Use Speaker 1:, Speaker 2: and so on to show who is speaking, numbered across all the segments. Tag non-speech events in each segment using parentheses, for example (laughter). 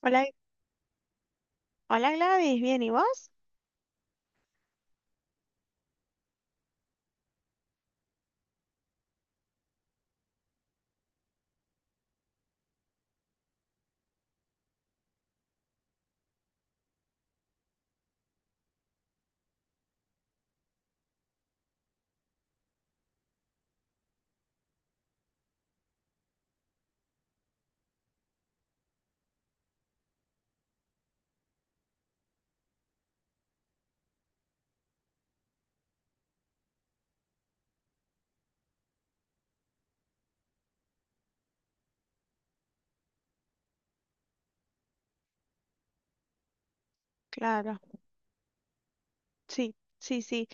Speaker 1: Hola, hola Gladys, ¿bien y vos? Claro, sí, sí, sí.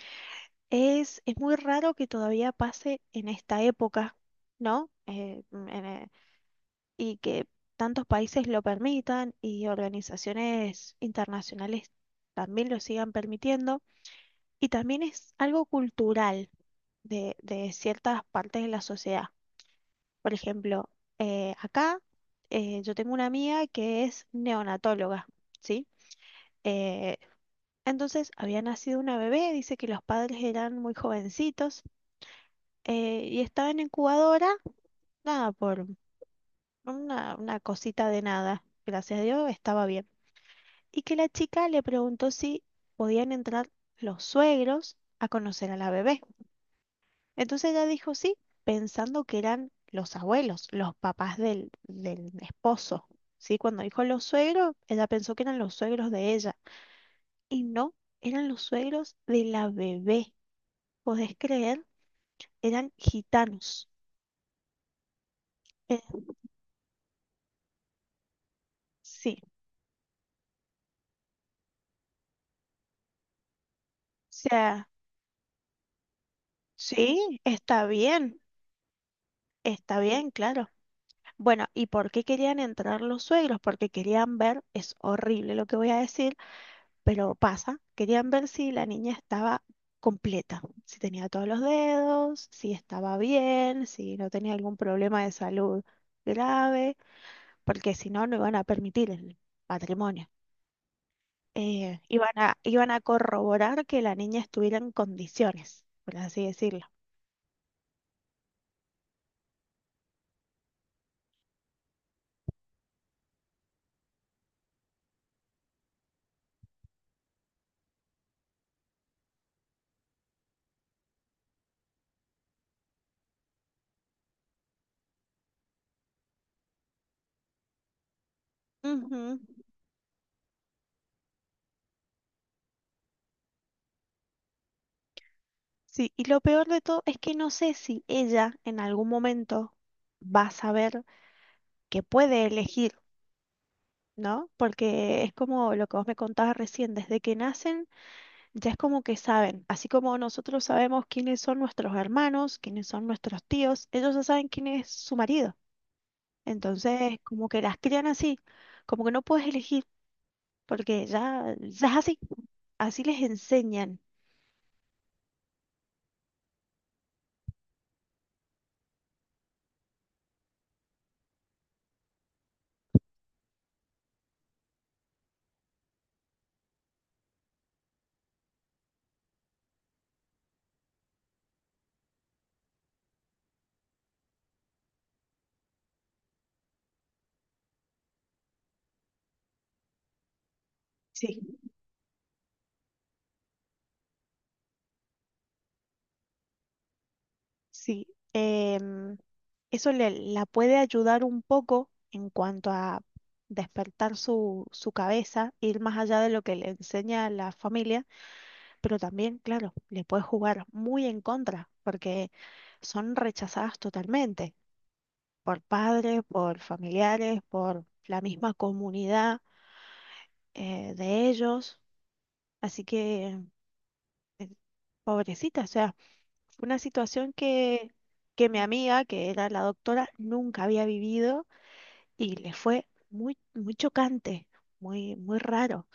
Speaker 1: Es muy raro que todavía pase en esta época, ¿no? Y que tantos países lo permitan y organizaciones internacionales también lo sigan permitiendo. Y también es algo cultural de ciertas partes de la sociedad. Por ejemplo, acá yo tengo una amiga que es neonatóloga, ¿sí? Eh, Entonces había nacido una bebé. Dice que los padres eran muy jovencitos, y estaba en incubadora, nada, por una cosita de nada, gracias a Dios estaba bien. Y que la chica le preguntó si podían entrar los suegros a conocer a la bebé. Entonces ella dijo sí, pensando que eran los abuelos, los papás del esposo. Sí, cuando dijo los suegros, ella pensó que eran los suegros de ella y no, eran los suegros de la bebé. ¿Podés creer? Eran gitanos. Eh, sí, o sea, sí, está bien, claro. Bueno, ¿y por qué querían entrar los suegros? Porque querían ver, es horrible lo que voy a decir, pero pasa, querían ver si la niña estaba completa, si tenía todos los dedos, si estaba bien, si no tenía algún problema de salud grave, porque si no, no iban a permitir el patrimonio. Eh, iban a corroborar que la niña estuviera en condiciones, por así decirlo. Ujú. Sí, y lo peor de todo es que no sé si ella en algún momento va a saber que puede elegir, ¿no? Porque es como lo que vos me contabas recién, desde que nacen ya es como que saben, así como nosotros sabemos quiénes son nuestros hermanos, quiénes son nuestros tíos, ellos ya saben quién es su marido. Entonces, como que las crían así, como que no puedes elegir. Porque ya es así, así les enseñan. Sí, sí. Em, Eso la puede ayudar un poco en cuanto a despertar su cabeza, ir más allá de lo que le enseña la familia, pero también, claro, le puede jugar muy en contra, porque son rechazadas totalmente por padres, por familiares, por la misma comunidad, de ellos. Así que, eh, pobrecita, o sea, fue una situación que mi amiga, que era la doctora, nunca había vivido, y le fue muy, muy chocante, muy, muy raro.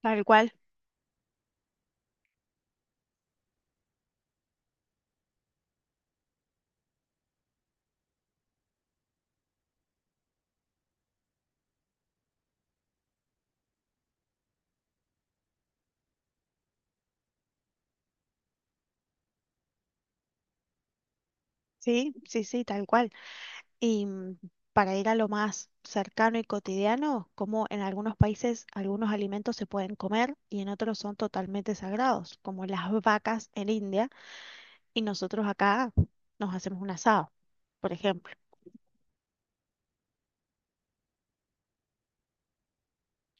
Speaker 1: Tal cual. Sí, sí, sí, tal cual. Y para ir a lo más cercano y cotidiano, como en algunos países algunos alimentos se pueden comer y en otros son totalmente sagrados, como las vacas en India, y nosotros acá nos hacemos un asado, por ejemplo.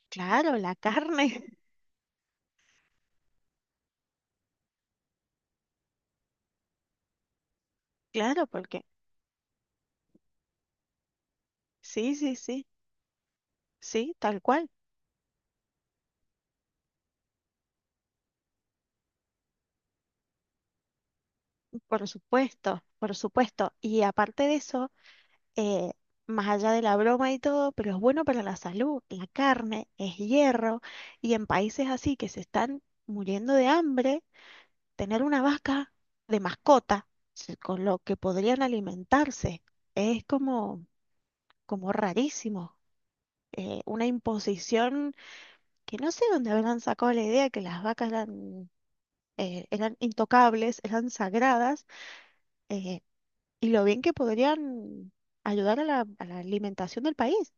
Speaker 1: Claro, la carne, (laughs) claro, porque sí, sí, sí, sí, tal cual. Por supuesto, por supuesto. Y aparte de eso, eh, más allá de la broma y todo, pero es bueno para la salud. La carne es hierro y en países así que se están muriendo de hambre, tener una vaca de mascota se- con lo que podrían alimentarse es como, como rarísimo. Una imposición que no sé dónde habrán sacado la idea que las vacas eran, eran intocables, eran sagradas. eh, y lo bien que podrían ayudar a a la alimentación del país.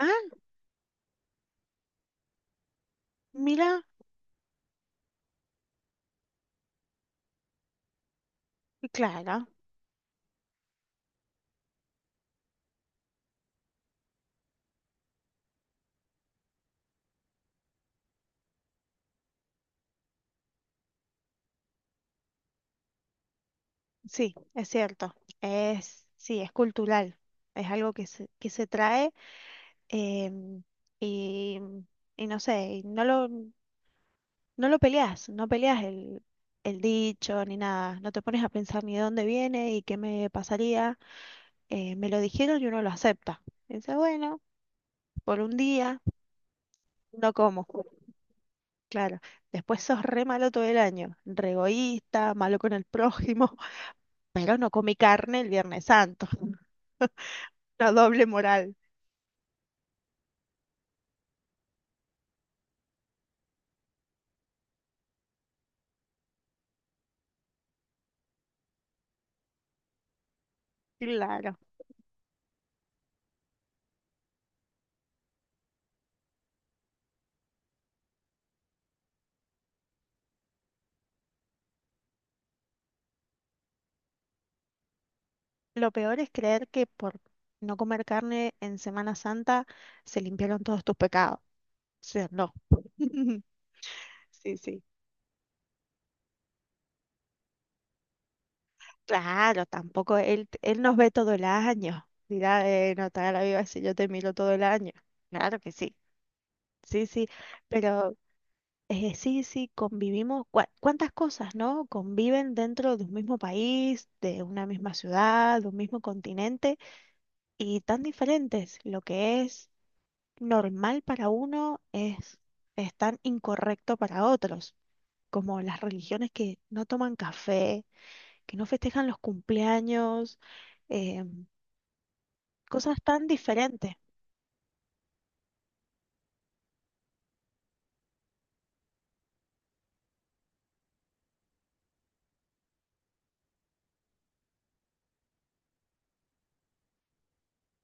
Speaker 1: Ah, mira, claro, sí, es cierto. Es, sí, es cultural. Es algo que se trae, em, y, y no sé, y no no lo peleas, no peleas el dicho ni nada. No te pones a pensar ni de dónde viene y qué me pasaría. Me lo dijeron y uno lo acepta. Dice, bueno, por un día no como. Claro, después sos re malo todo el año, re egoísta, malo con el prójimo, (laughs) pero no comí carne el Viernes Santo. (laughs) La doble moral. Claro. Lo peor es creer que por no comer carne en Semana Santa se limpiaron todos tus pecados. O sea, no. (laughs) Sí, sí. Claro, tampoco él, él nos ve todo el año. Dirá, no te hagas la viva si yo te miro todo el año. Claro que sí. Sí, sí. Pero sí, sí, convivimos. Cua- ¿cuántas cosas, no? Conviven dentro de un mismo país, de una misma ciudad, de un mismo continente y tan diferentes. Lo que es normal para uno es tan incorrecto para otros, como las religiones que no toman café, que no festejan los cumpleaños, eh, cosas tan diferentes.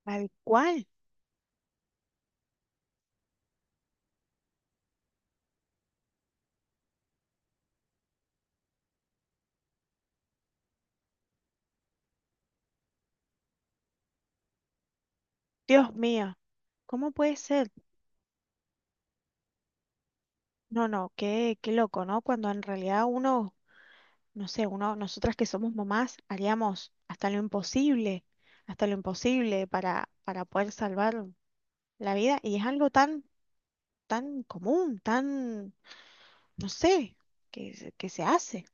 Speaker 1: Tal cual, Dios mío, ¿cómo puede ser? No, no, qué, qué loco, ¿no? Cuando en realidad uno, no sé, uno, nosotras que somos mamás haríamos hasta lo imposible para poder salvar la vida. Y es algo tan, tan común, tan, no sé, que se hace.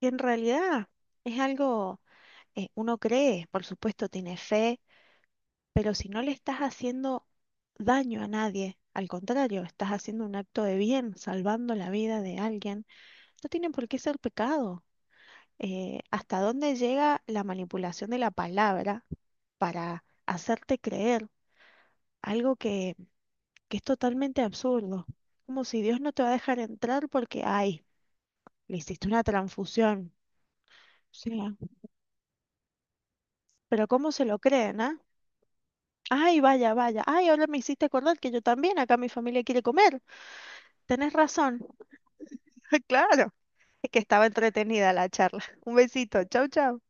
Speaker 1: Y en realidad es algo, uno cree, por supuesto, tiene fe, pero si no le estás haciendo daño a nadie, al contrario, estás haciendo un acto de bien, salvando la vida de alguien, no tiene por qué ser pecado. Eh, hasta dónde llega la manipulación de la palabra para hacerte creer algo que es totalmente absurdo. Como si Dios no te va a dejar entrar porque, ay, le hiciste una transfusión. O sea, pero ¿cómo se lo creen, ah? Ay, vaya, vaya. Ay, ahora me hiciste acordar que yo también, acá mi familia quiere comer. Tenés razón. (laughs) Claro. Es que estaba entretenida la charla. Un besito. Chau, chau.